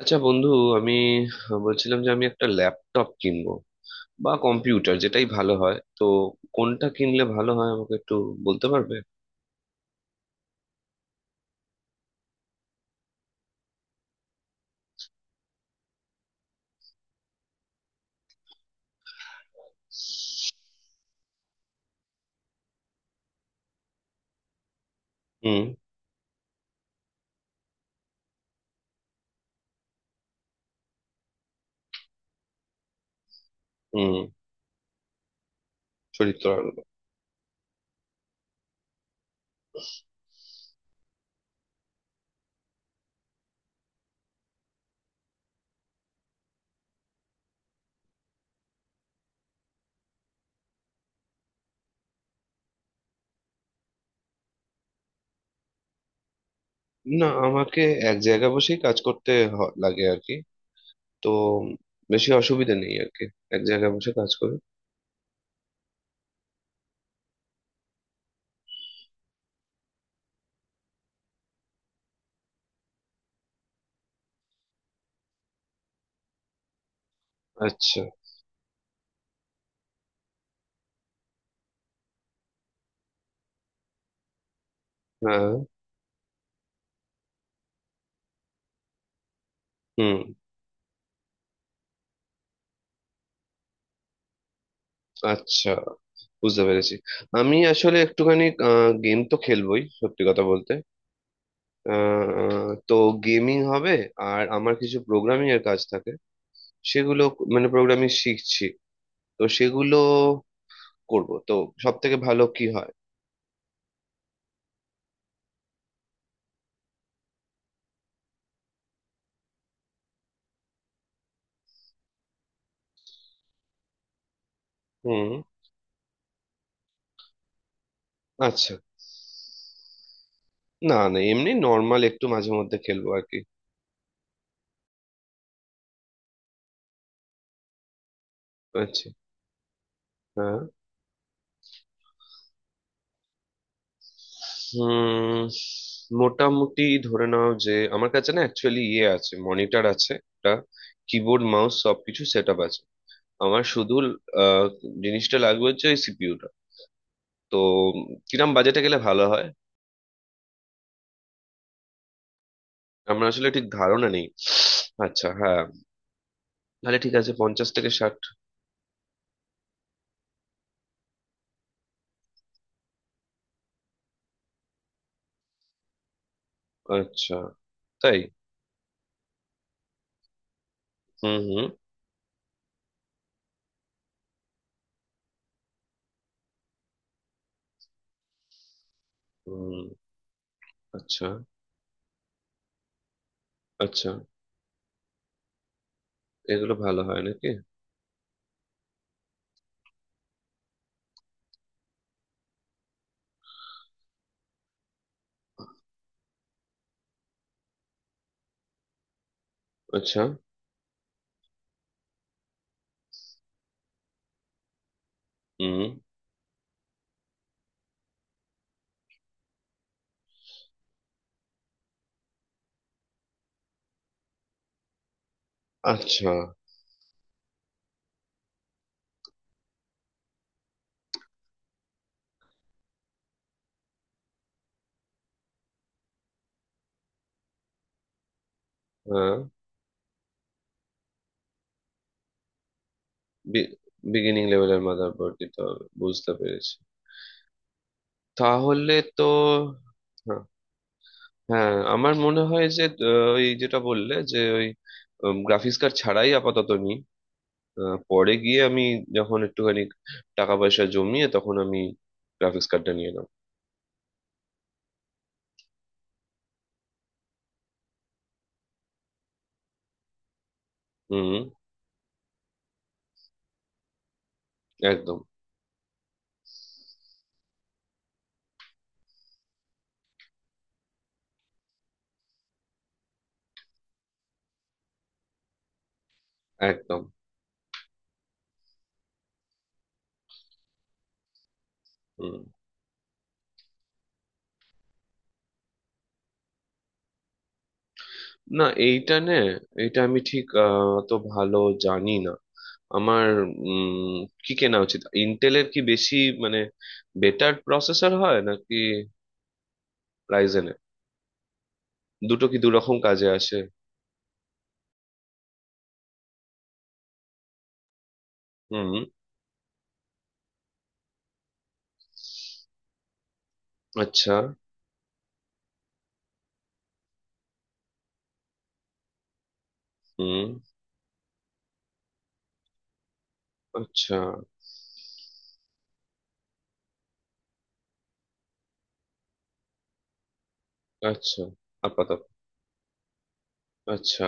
আচ্ছা, বন্ধু। আমি বলছিলাম যে আমি একটা ল্যাপটপ কিনবো বা কম্পিউটার, যেটাই ভালো হয়। তো কোনটা কিনলে ভালো হয় আমাকে একটু বলতে পারবে? হুম। হুম। শরীর তো আর- না, আমাকে এক জায়গায় বসেই কাজ করতে লাগে আর কি। তো বেশি অসুবিধা নেই আর কি। এক জায়গায় বসে কাজ করি। আচ্ছা। হ্যাঁ। হুম। আচ্ছা, বুঝতে পেরেছি। আমি আসলে একটুখানি গেম তো খেলবোই, সত্যি কথা বলতে। তো গেমিং হবে। আর আমার কিছু প্রোগ্রামিং এর কাজ থাকে, সেগুলো মানে প্রোগ্রামিং শিখছি, তো সেগুলো করব তো। সব থেকে ভালো কি হয়? হুম। আচ্ছা। না না, এমনি নর্মাল একটু মাঝে মধ্যে খেলবো আর কি। আচ্ছা। হ্যাঁ। হুম। মোটামুটি ধরে নাও যে আমার কাছে না অ্যাকচুয়ালি ইয়ে আছে, মনিটর আছে একটা, কিবোর্ড মাউস সবকিছু সেট আপ আছে। আমার শুধু আহ, জিনিসটা লাগবে, হচ্ছে ওই সিপিইউটা। তো কিরম বাজেটে গেলে ভালো হয়? আমার আসলে ঠিক ধারণা নেই। আচ্ছা। হ্যাঁ, তাহলে ঠিক আছে 50 থেকে 60। আচ্ছা। তাই? হুম। হুম। হুম। আচ্ছা। আচ্ছা। এগুলো ভালো হয় নাকি? আচ্ছা। হুম। আচ্ছা। হ্যাঁ। বিগিনিং লেভেলের মাদারবোর্ড দিতে হবে, বুঝতে পেরেছি। তাহলে তো। হ্যাঁ। হ্যাঁ, আমার মনে হয় যে ওই যেটা বললে, যে ওই গ্রাফিক্স কার্ড ছাড়াই আপাতত নি। পরে গিয়ে আমি, যখন একটুখানি টাকা পয়সা জমিয়ে, তখন আমি গ্রাফিক্স কার্ডটা নিয়ে নেব। হুম। একদম। একদম। হুম। না, এইটা নে এটা আমি ঠিক অত ভালো জানি না। আমার উম কি কেনা উচিত? ইন্টেলের কি বেশি মানে বেটার প্রসেসর হয় নাকি রাইজেনের? দুটো কি দুরকম কাজে আসে? হুম। আচ্ছা। হুম। আচ্ছা। আচ্ছা। আপাতত। আচ্ছা।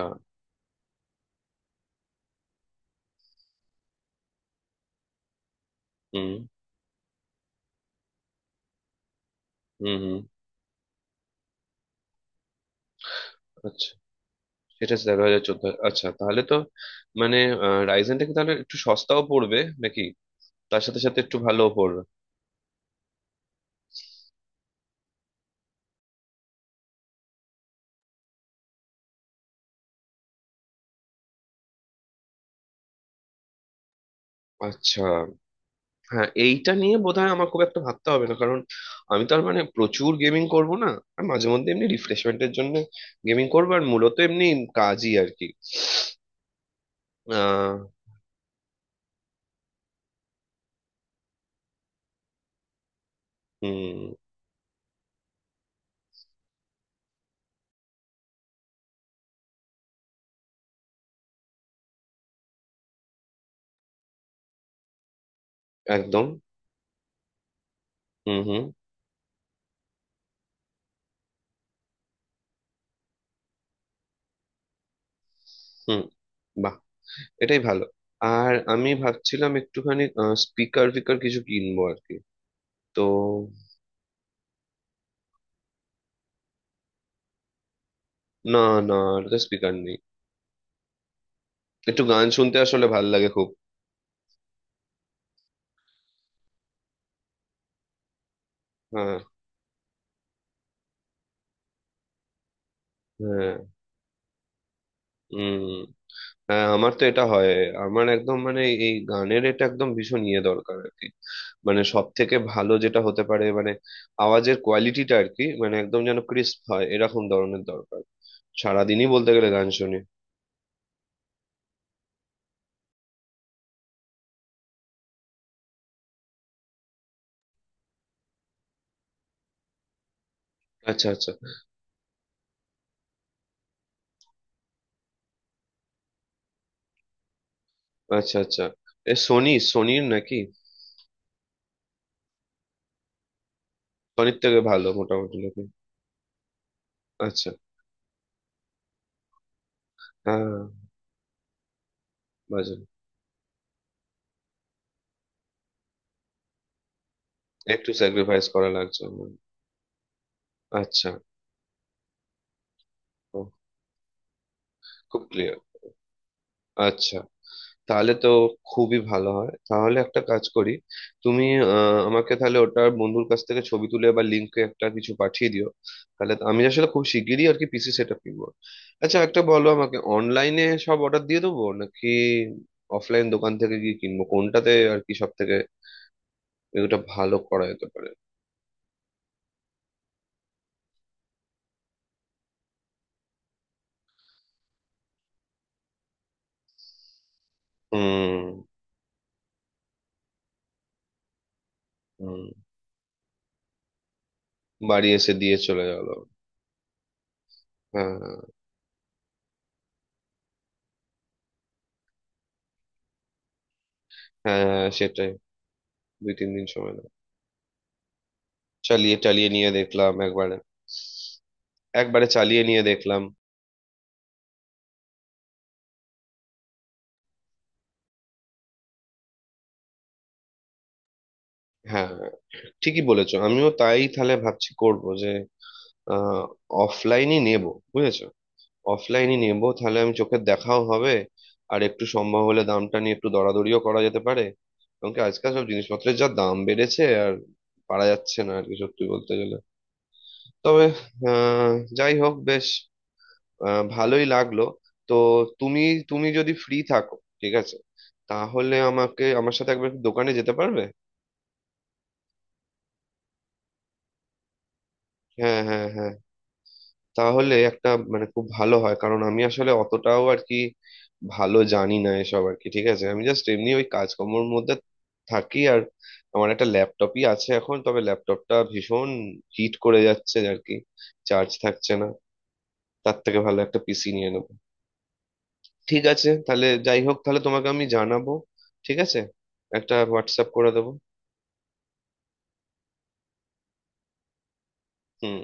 হুম। হুম। হুম। আচ্ছা। সেটা আছে 11 হাজার 14। আচ্ছা, তাহলে তো মানে রাইজেনটা কি তাহলে একটু সস্তাও পড়বে নাকি? তার সাথে সাথে একটু ভালোও পড়বে? আচ্ছা। হ্যাঁ, এইটা নিয়ে বোধহয় আমার খুব একটা ভাবতে হবে না, কারণ আমি তো আর মানে প্রচুর গেমিং করব না। আর মাঝে মধ্যে এমনি রিফ্রেশমেন্টের জন্য গেমিং করবো আর মূলত এমনি কাজই আর কি। আহ হুম। একদম। হুম। হুম। হুম। বাহ, এটাই ভালো। আর আমি ভাবছিলাম একটুখানি স্পিকার ফিকার কিছু কিনবো আর কি। তো না। না, স্পিকার নেই। একটু গান শুনতে আসলে ভাল লাগে খুব। হ্যাঁ। হ্যাঁ। উম হ্যাঁ, আমার তো এটা হয়। আমার একদম মানে এই গানের এটা একদম ভীষণ ইয়ে দরকার আর কি। মানে সব থেকে ভালো যেটা হতে পারে, মানে আওয়াজের কোয়ালিটিটা আর কি, মানে একদম যেন ক্রিস্প হয় এরকম ধরনের দরকার। সারাদিনই বলতে গেলে গান শুনি। আচ্ছা। আচ্ছা। আচ্ছা। আচ্ছা। এ সোনি? সোনির নাকি? সোনির থেকে ভালো মোটামুটি নাকি? আচ্ছা। হ্যাঁ। বাজে একটু স্যাক্রিফাইস করা লাগছে আমার। আচ্ছা। ও, খুব ক্লিয়ার। আচ্ছা। তাহলে তো খুবই ভালো হয়। তাহলে একটা কাজ করি। তুমি আমাকে তাহলে ওটার, বন্ধুর কাছ থেকে ছবি তুলে বা লিঙ্কে একটা কিছু পাঠিয়ে দিও। তাহলে আমি আসলে খুব শিগগিরই আর কি পিসি সেট আপ কিনবো। আচ্ছা, একটা বলো আমাকে, অনলাইনে সব অর্ডার দিয়ে দেবো নাকি অফলাইন দোকান থেকে গিয়ে কিনবো? কোনটাতে আর কি সব থেকে এটা ভালো করা যেতে পারে? হুম। হুম। বাড়ি এসে দিয়ে চলে গেল। হ্যাঁ হ্যাঁ হ্যাঁ, সেটাই। 2-3 দিন সময় লাগে। চালিয়ে চালিয়ে নিয়ে দেখলাম একবারে। একবারে চালিয়ে নিয়ে দেখলাম। হ্যাঁ হ্যাঁ। ঠিকই বলেছো। আমিও তাই তাহলে ভাবছি, করব যে অফলাইনই নেব। বুঝেছো, অফলাইনই নেব তাহলে। আমি চোখের দেখাও হবে আর একটু সম্ভব হলে দামটা নিয়ে একটু দরাদরিও করা যেতে পারে। কারণ কি, আজকাল সব জিনিসপত্রের যা দাম বেড়েছে, আর পারা যাচ্ছে না আর কি সত্যি বলতে গেলে। তবে যাই হোক, বেশ। ভালোই লাগলো। তো তুমি, তুমি যদি ফ্রি থাকো, ঠিক আছে, তাহলে আমাকে আমার সাথে একবার একটু দোকানে যেতে পারবে? হ্যাঁ হ্যাঁ হ্যাঁ, তাহলে একটা মানে খুব ভালো হয় কারণ আমি আসলে অতটাও আর কি ভালো জানি না এসব আর কি। ঠিক আছে, আমি জাস্ট এমনি ওই কাজকর্মের মধ্যে থাকি আর আমার একটা ল্যাপটপই আছে এখন, তবে ল্যাপটপটা ভীষণ হিট করে যাচ্ছে আর কি। চার্জ থাকছে না। তার থেকে ভালো একটা পিসি নিয়ে নেবো। ঠিক আছে, তাহলে যাই হোক, তাহলে তোমাকে আমি জানাবো। ঠিক আছে, একটা হোয়াটসঅ্যাপ করে দেবো। হুম।